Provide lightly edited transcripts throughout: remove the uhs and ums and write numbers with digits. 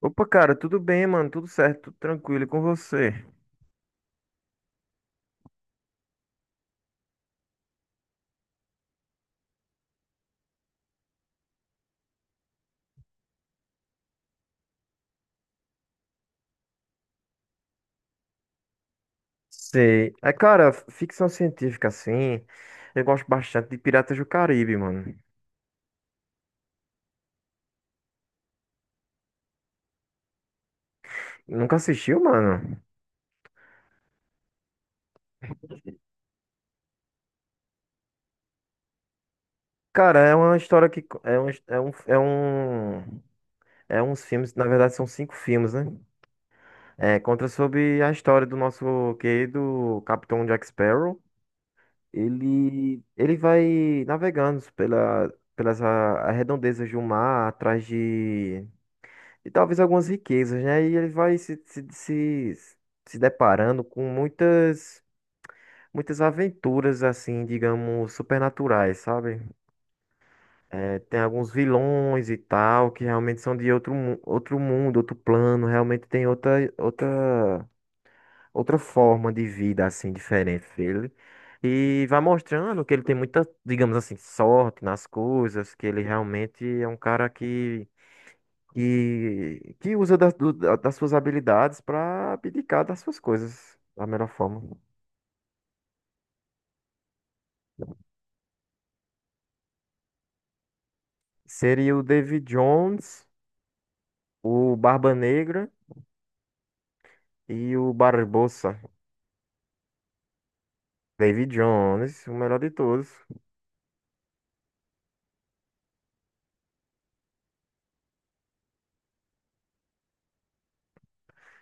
Opa, cara, tudo bem, mano? Tudo certo, tudo tranquilo e com você? Sei. É, cara, ficção científica, assim, eu gosto bastante de Piratas do Caribe, mano. Nunca assistiu, mano? Cara, é uma história que... co- É um... É um... É, um, é uns filmes, na verdade são cinco filmes, né? É, conta sobre a história do nosso querido Capitão Jack Sparrow. Ele vai navegando pelas arredondezas do mar, atrás de... e talvez algumas riquezas, né? E ele vai se deparando com muitas, muitas aventuras, assim, digamos, supernaturais, sabe? É, tem alguns vilões e tal, que realmente são de outro mundo, outro plano, realmente tem outra forma de vida, assim, diferente dele. E vai mostrando que ele tem muita, digamos assim, sorte nas coisas, que ele realmente é um cara que que usa das suas habilidades para abdicar das suas coisas da melhor forma. Seria o David Jones, o Barba Negra e o Barbossa. David Jones, o melhor de todos.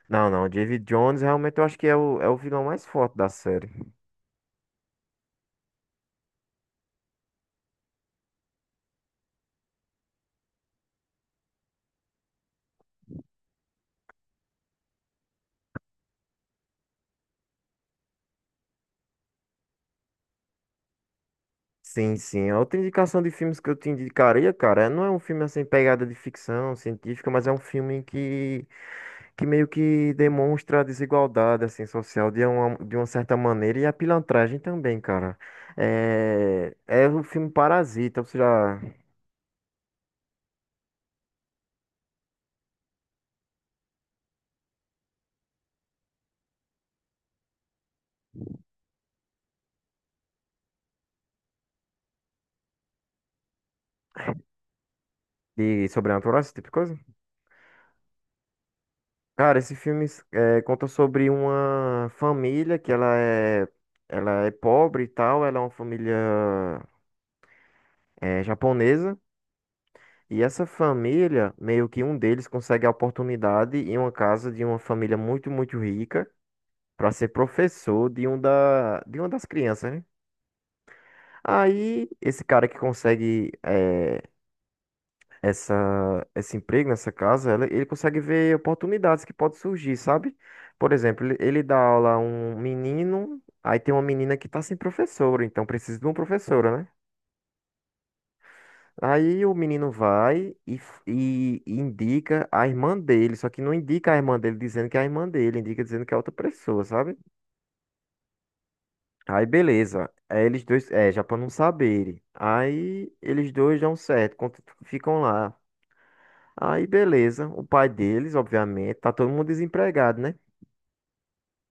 Não, não, David Jones realmente eu acho que é o vilão mais forte da série. Sim, sim. A outra indicação de filmes que eu te indicaria, cara, não é um filme assim, pegada de ficção científica, mas é um filme que meio que demonstra a desigualdade assim social de uma certa maneira e a pilantragem também, cara. É o filme Parasita, você já de sobrenatural, esse tipo de coisa? Cara, esse filme conta sobre uma família que ela é pobre e tal, ela é uma família japonesa. E essa família, meio que um deles consegue a oportunidade em uma casa de uma família muito, muito rica para ser professor de de uma das crianças, né? Aí, esse cara que consegue essa, esse emprego nessa casa, ele consegue ver oportunidades que podem surgir, sabe? Por exemplo, ele dá aula a um menino, aí tem uma menina que tá sem professora, então precisa de uma professora, né? Aí o menino vai e indica a irmã dele, só que não indica a irmã dele dizendo que é a irmã dele, indica dizendo que é outra pessoa, sabe? Aí beleza. Aí eles dois, já pra não saberem. Aí eles dois dão certo, ficam lá. Aí beleza, o pai deles, obviamente, tá todo mundo desempregado, né?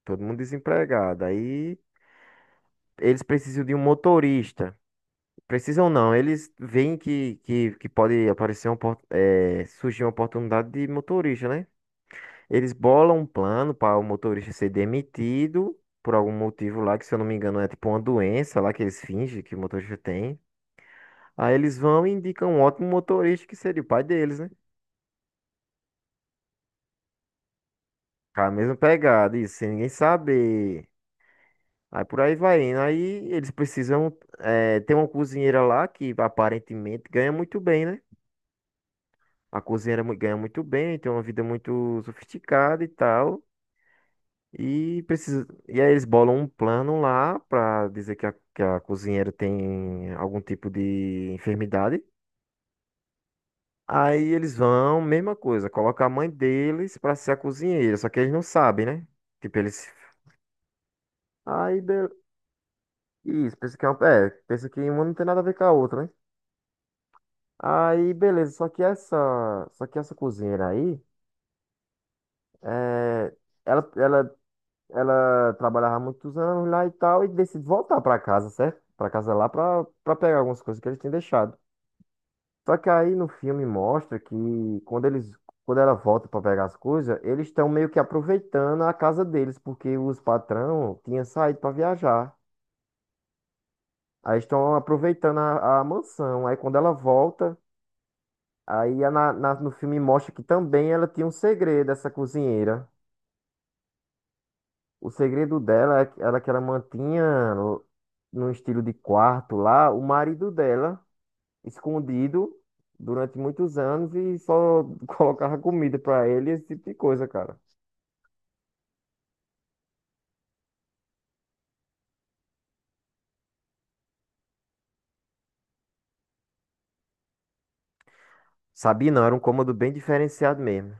Todo mundo desempregado. Aí eles precisam de um motorista. Precisam não, eles veem que, que pode aparecer surgir uma oportunidade de motorista, né? Eles bolam um plano para o motorista ser demitido por algum motivo lá, que se eu não me engano é tipo uma doença lá que eles fingem que o motorista tem. Aí eles vão e indicam um ótimo motorista que seria o pai deles, né? Com a mesma pegada, isso, sem ninguém saber. Aí por aí vai indo. Aí eles precisam ter uma cozinheira lá que aparentemente ganha muito bem, né? A cozinheira ganha muito bem, tem uma vida muito sofisticada e tal. E precisa... E aí eles bolam um plano lá pra dizer que a cozinheira tem algum tipo de enfermidade. Aí eles vão, mesma coisa, coloca a mãe deles pra ser a cozinheira, só que eles não sabem, né? Tipo, eles. Aí, be... Isso, pensa que uma não tem nada a ver com a outra, né? Aí, beleza. Só que essa cozinheira aí, é, ela, ela, ela trabalhava muitos anos lá e tal e decide voltar pra casa, certo? Pra casa lá pra pegar algumas coisas que eles tinham deixado. Só que aí no filme mostra que quando ela volta pra pegar as coisas, eles estão meio que aproveitando a casa deles porque os patrão tinham saído pra viajar. Aí estão aproveitando a mansão. Aí quando ela volta. Aí no filme mostra que também ela tinha um segredo, essa cozinheira. O segredo dela era que ela mantinha num estilo de quarto lá o marido dela escondido durante muitos anos e só colocava comida pra ele, esse tipo de coisa, cara. Sabia não, era um cômodo bem diferenciado mesmo.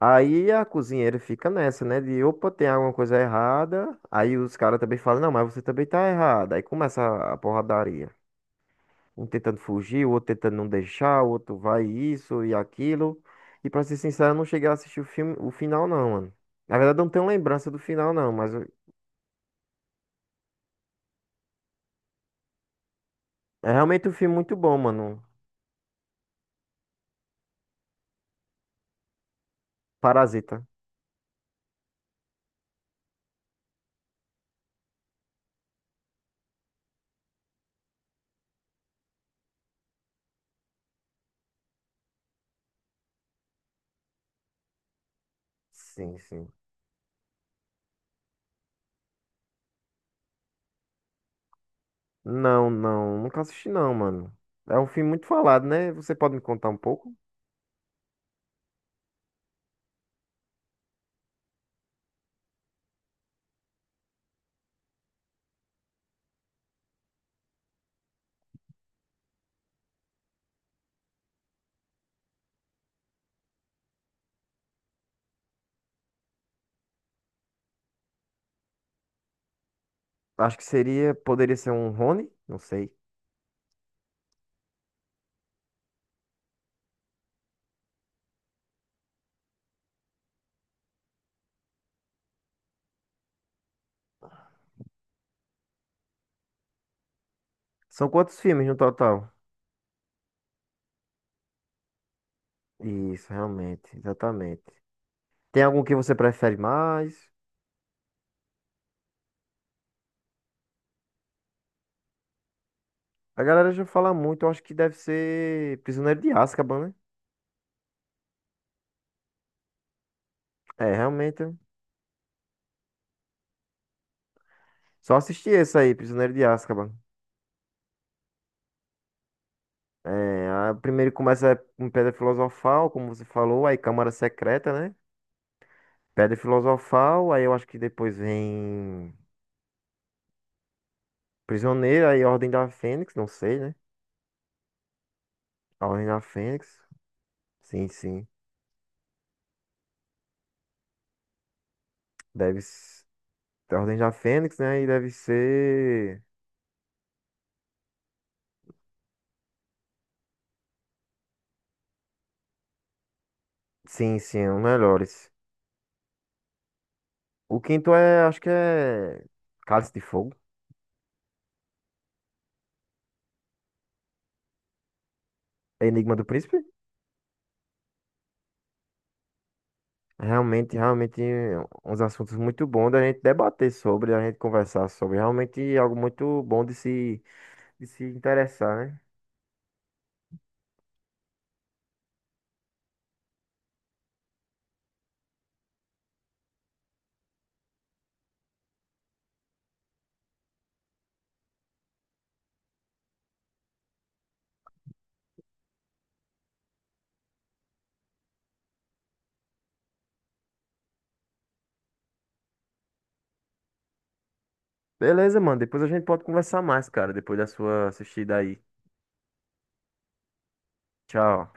Aí a cozinheira fica nessa, né? De opa, tem alguma coisa errada. Aí os caras também falam, não, mas você também tá errada. Aí começa a porradaria. Um tentando fugir, o outro tentando não deixar, o outro vai isso e aquilo. E pra ser sincero, eu não cheguei a assistir o filme, o final não, mano. Na verdade, eu não tenho lembrança do final não, é realmente um filme muito bom, mano. Parasita. Sim, sim. Não, não, nunca assisti não, mano. É um filme muito falado, né? Você pode me contar um pouco? Acho que seria, poderia ser um Rony, não sei. São quantos filmes no total? Isso, realmente, exatamente. Tem algum que você prefere mais? A galera já fala muito, eu acho que deve ser Prisioneiro de Azkaban, né? É, realmente. Só assisti esse aí, Prisioneiro de Azkaban. É, a primeiro começa com Pedra Filosofal, como você falou, aí Câmara Secreta, né? Pedra Filosofal, aí eu acho que depois vem Prisioneiro, aí Ordem da Fênix, não sei, né? A Ordem da Fênix. Sim, sim. Deve ser a Ordem da Fênix, né? E deve ser. Sim, sim, é um melhores. O quinto é, acho que é Cálice de Fogo. Enigma do Príncipe. Realmente, realmente, uns assuntos muito bons da gente debater sobre, da gente conversar sobre. Realmente algo muito bom de se interessar, né? Beleza, mano. Depois a gente pode conversar mais, cara, depois da sua assistida aí. Tchau.